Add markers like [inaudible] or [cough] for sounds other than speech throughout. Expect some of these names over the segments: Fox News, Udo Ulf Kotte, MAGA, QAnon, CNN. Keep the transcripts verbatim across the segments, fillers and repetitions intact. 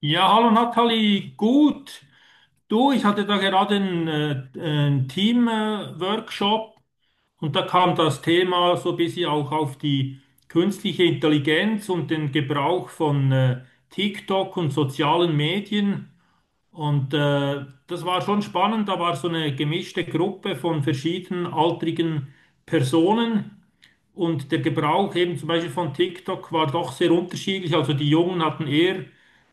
Ja, hallo Nathalie, gut. Du, ich hatte da gerade einen, äh, einen Team-Workshop und da kam das Thema so ein bisschen auch auf die künstliche Intelligenz und den Gebrauch von äh, TikTok und sozialen Medien. Und äh, das war schon spannend, da war so eine gemischte Gruppe von verschiedenen altrigen Personen. Und der Gebrauch eben zum Beispiel von TikTok war doch sehr unterschiedlich. Also die Jungen hatten eher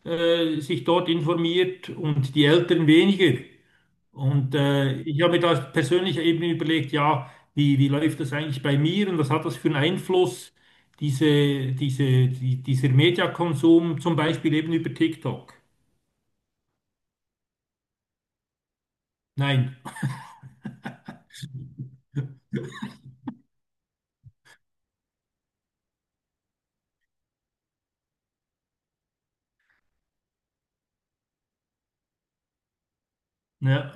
äh, sich dort informiert und die Älteren weniger. Und äh, ich habe mir da persönlich eben überlegt, ja, wie, wie läuft das eigentlich bei mir und was hat das für einen Einfluss, diese, diese, die, dieser Mediakonsum, zum Beispiel eben über TikTok. Nein. Ja,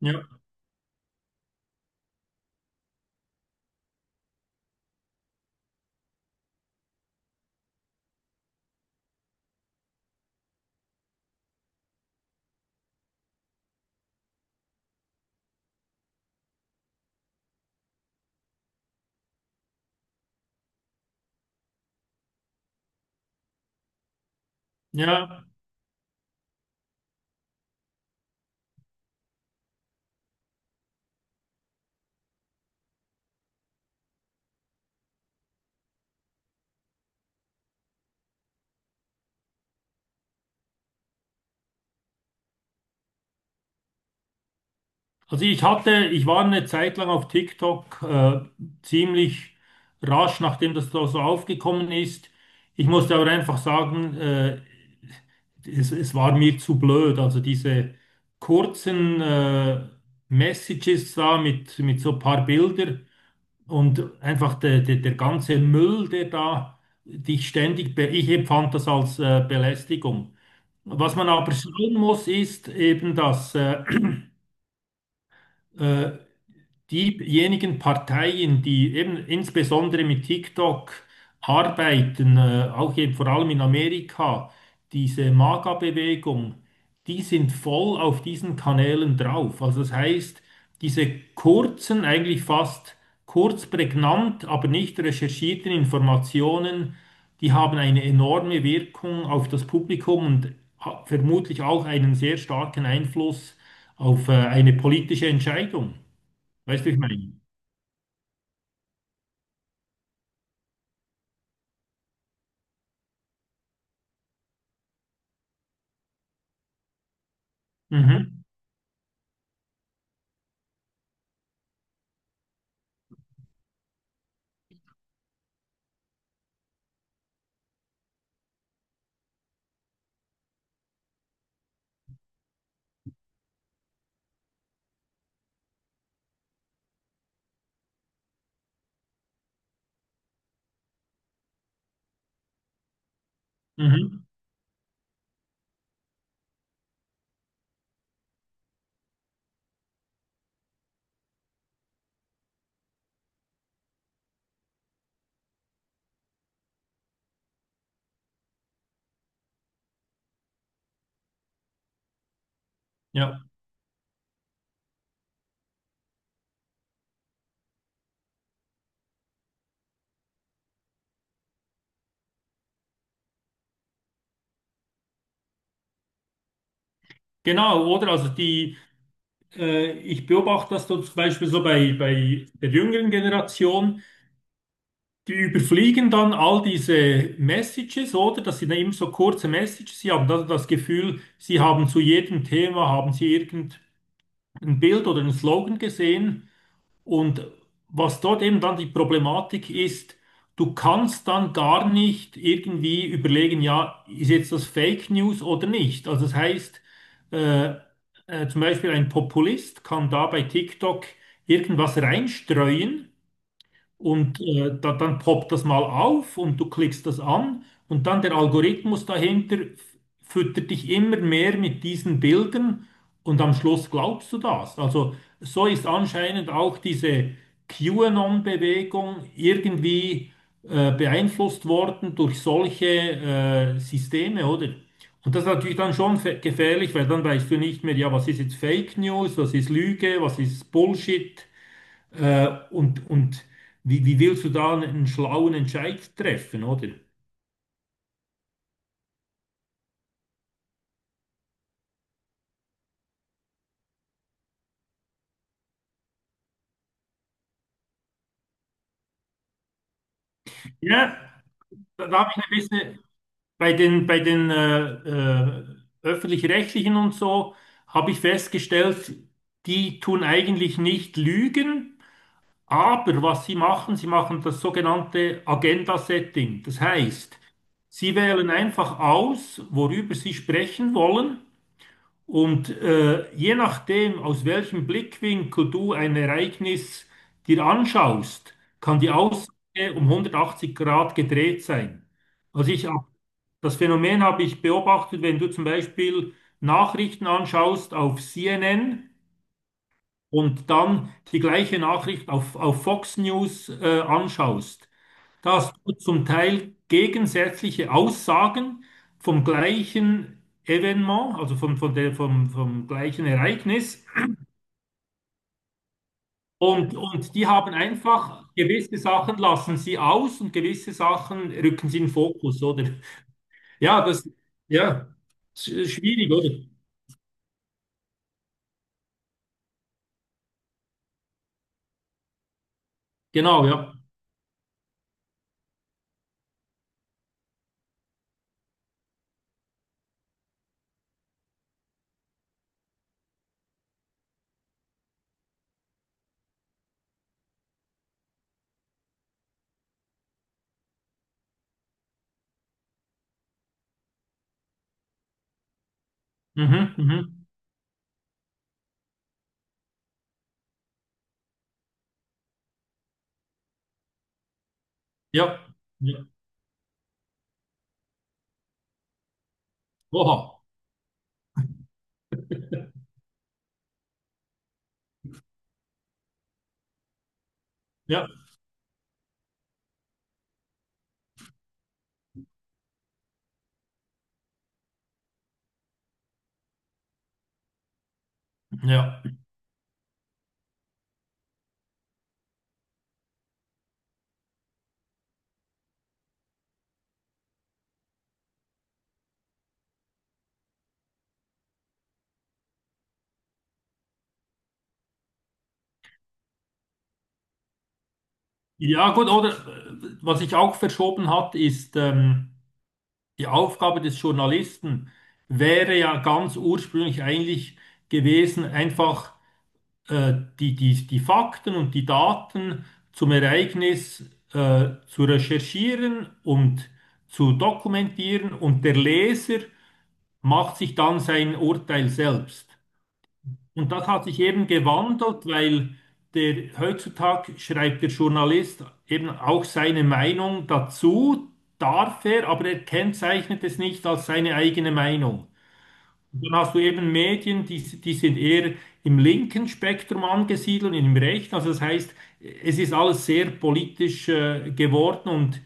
ja, ja. Also ich hatte, ich war eine Zeit lang auf TikTok, äh, ziemlich rasch, nachdem das da so aufgekommen ist. Ich musste aber einfach sagen, äh, es, es war mir zu blöd. Also diese kurzen, äh, Messages da mit, mit so ein paar Bilder und einfach der, der, der ganze Müll, der da dich ständig, be ich empfand das als, äh, Belästigung. Was man aber schauen muss, ist eben, dass äh, [clears throat] diejenigen Parteien, die eben insbesondere mit TikTok arbeiten, äh, auch eben vor allem in Amerika, diese MAGA-Bewegung, die sind voll auf diesen Kanälen drauf. Also das heißt, diese kurzen, eigentlich fast kurz prägnant, aber nicht recherchierten Informationen, die haben eine enorme Wirkung auf das Publikum und ha- vermutlich auch einen sehr starken Einfluss auf äh, eine politische Entscheidung. Weißt du, wie ich meine? Mhm, mhm, ja, genau, oder? Also die, äh, ich beobachte das so zum Beispiel so bei, bei der jüngeren Generation, die überfliegen dann all diese Messages, oder? Dass sie ja immer so kurze Messages. Sie haben dann das Gefühl, sie haben zu jedem Thema, haben sie irgendein Bild oder einen Slogan gesehen. Und was dort eben dann die Problematik ist, du kannst dann gar nicht irgendwie überlegen, ja, ist jetzt das Fake News oder nicht. Also das heißt, äh, äh, zum Beispiel ein Populist kann da bei TikTok irgendwas reinstreuen und äh, da, dann poppt das mal auf und du klickst das an und dann der Algorithmus dahinter f- füttert dich immer mehr mit diesen Bildern und am Schluss glaubst du das. Also so ist anscheinend auch diese QAnon-Bewegung irgendwie äh, beeinflusst worden durch solche äh, Systeme, oder? Und das ist natürlich dann schon fe- gefährlich, weil dann weißt du nicht mehr, ja, was ist jetzt Fake News, was ist Lüge, was ist Bullshit. Äh, und und wie, wie willst du da einen schlauen Entscheid treffen, oder? Ja, da da habe ich ein bisschen bei den, bei den äh, äh, öffentlich-rechtlichen und so, habe ich festgestellt, die tun eigentlich nicht lügen, aber was sie machen, sie machen das sogenannte Agenda-Setting. Das heißt, sie wählen einfach aus, worüber sie sprechen wollen. Und äh, je nachdem, aus welchem Blickwinkel du ein Ereignis dir anschaust, kann die Aussage um hundertachtzig Grad gedreht sein. Also ich, hab- Das Phänomen habe ich beobachtet, wenn du zum Beispiel Nachrichten anschaust auf C N N und dann die gleiche Nachricht auf, auf Fox News äh, anschaust, dass du zum Teil gegensätzliche Aussagen vom gleichen Evenement, also vom, von der, vom, vom gleichen Ereignis, und, und die haben einfach gewisse Sachen lassen sie aus und gewisse Sachen rücken sie in den Fokus, oder? Ja, das, ja, sch- schwierig, oder? Genau, ja. Mhm, mhm, ja, ja. Oha, ja, ja. Ja, gut, oder äh, was ich auch verschoben hat, ist, ähm, die Aufgabe des Journalisten wäre ja ganz ursprünglich eigentlich gewesen, einfach äh, die, die, die Fakten und die Daten zum Ereignis äh, zu recherchieren und zu dokumentieren und der Leser macht sich dann sein Urteil selbst. Und das hat sich eben gewandelt, weil der heutzutage schreibt der Journalist eben auch seine Meinung dazu, darf er, aber er kennzeichnet es nicht als seine eigene Meinung. Und dann hast du eben Medien, die, die sind eher im linken Spektrum angesiedelt und im rechten. Also das heißt, es ist alles sehr politisch äh, geworden und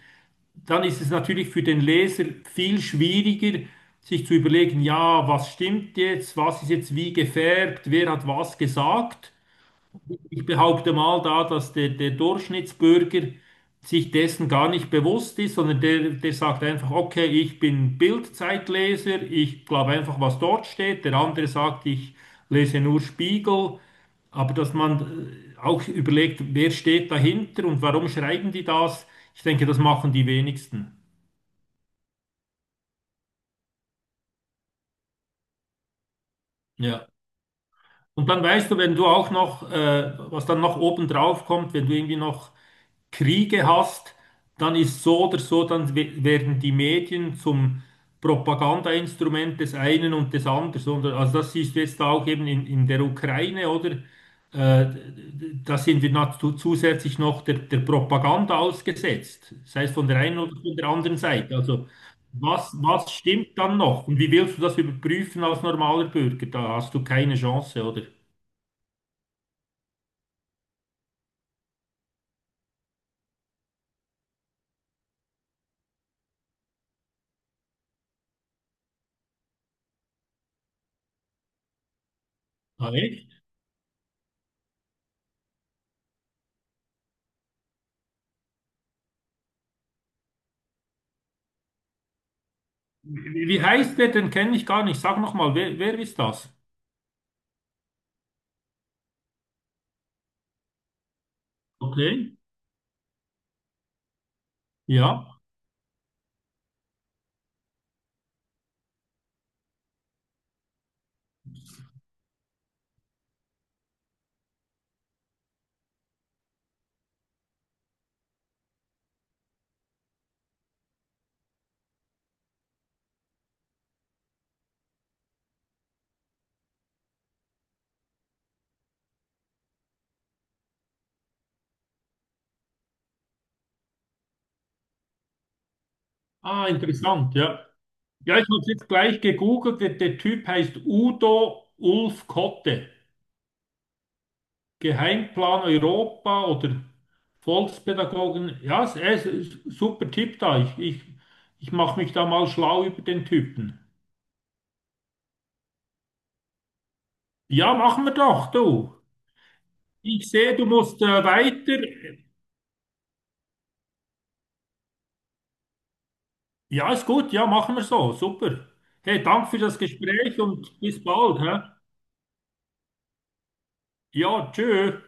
dann ist es natürlich für den Leser viel schwieriger, sich zu überlegen, ja, was stimmt jetzt, was ist jetzt wie gefärbt, wer hat was gesagt. Ich behaupte mal da, dass der, der Durchschnittsbürger sich dessen gar nicht bewusst ist, sondern der, der sagt einfach, okay, ich bin Bildzeitleser, ich glaube einfach, was dort steht. Der andere sagt, ich lese nur Spiegel. Aber dass man äh, auch überlegt, wer steht dahinter und warum schreiben die das, ich denke, das machen die wenigsten. Ja. Und dann weißt du, wenn du auch noch, äh, was dann noch oben drauf kommt, wenn du irgendwie noch Kriege hast, dann ist so oder so, dann we- werden die Medien zum Propagandainstrument des einen und des anderen. So. Und, also das siehst du jetzt auch eben in, in der Ukraine, oder? äh, da sind wir noch zu, zusätzlich noch der, der Propaganda ausgesetzt, sei es von der einen oder von der anderen Seite. Also was, was stimmt dann noch? Und wie willst du das überprüfen als normaler Bürger? Da hast du keine Chance, oder? Ah, echt? Wie, wie heißt der? Den kenne ich gar nicht. Sag nochmal, wer, wer ist das? Okay, ja. Ah, interessant, ja. Ja, ich habe jetzt gleich gegoogelt. Der, der Typ heißt Udo Ulf Kotte. Geheimplan Europa oder Volkspädagogen. Ja, es es ist ein super Tipp da. Ich, ich, ich mache mich da mal schlau über den Typen. Ja, machen wir doch, du. Ich sehe, du musst äh, weiter. Ja, ist gut. Ja, machen wir so. Super. Hey, danke für das Gespräch und bis bald. Hä? Ja, tschüss.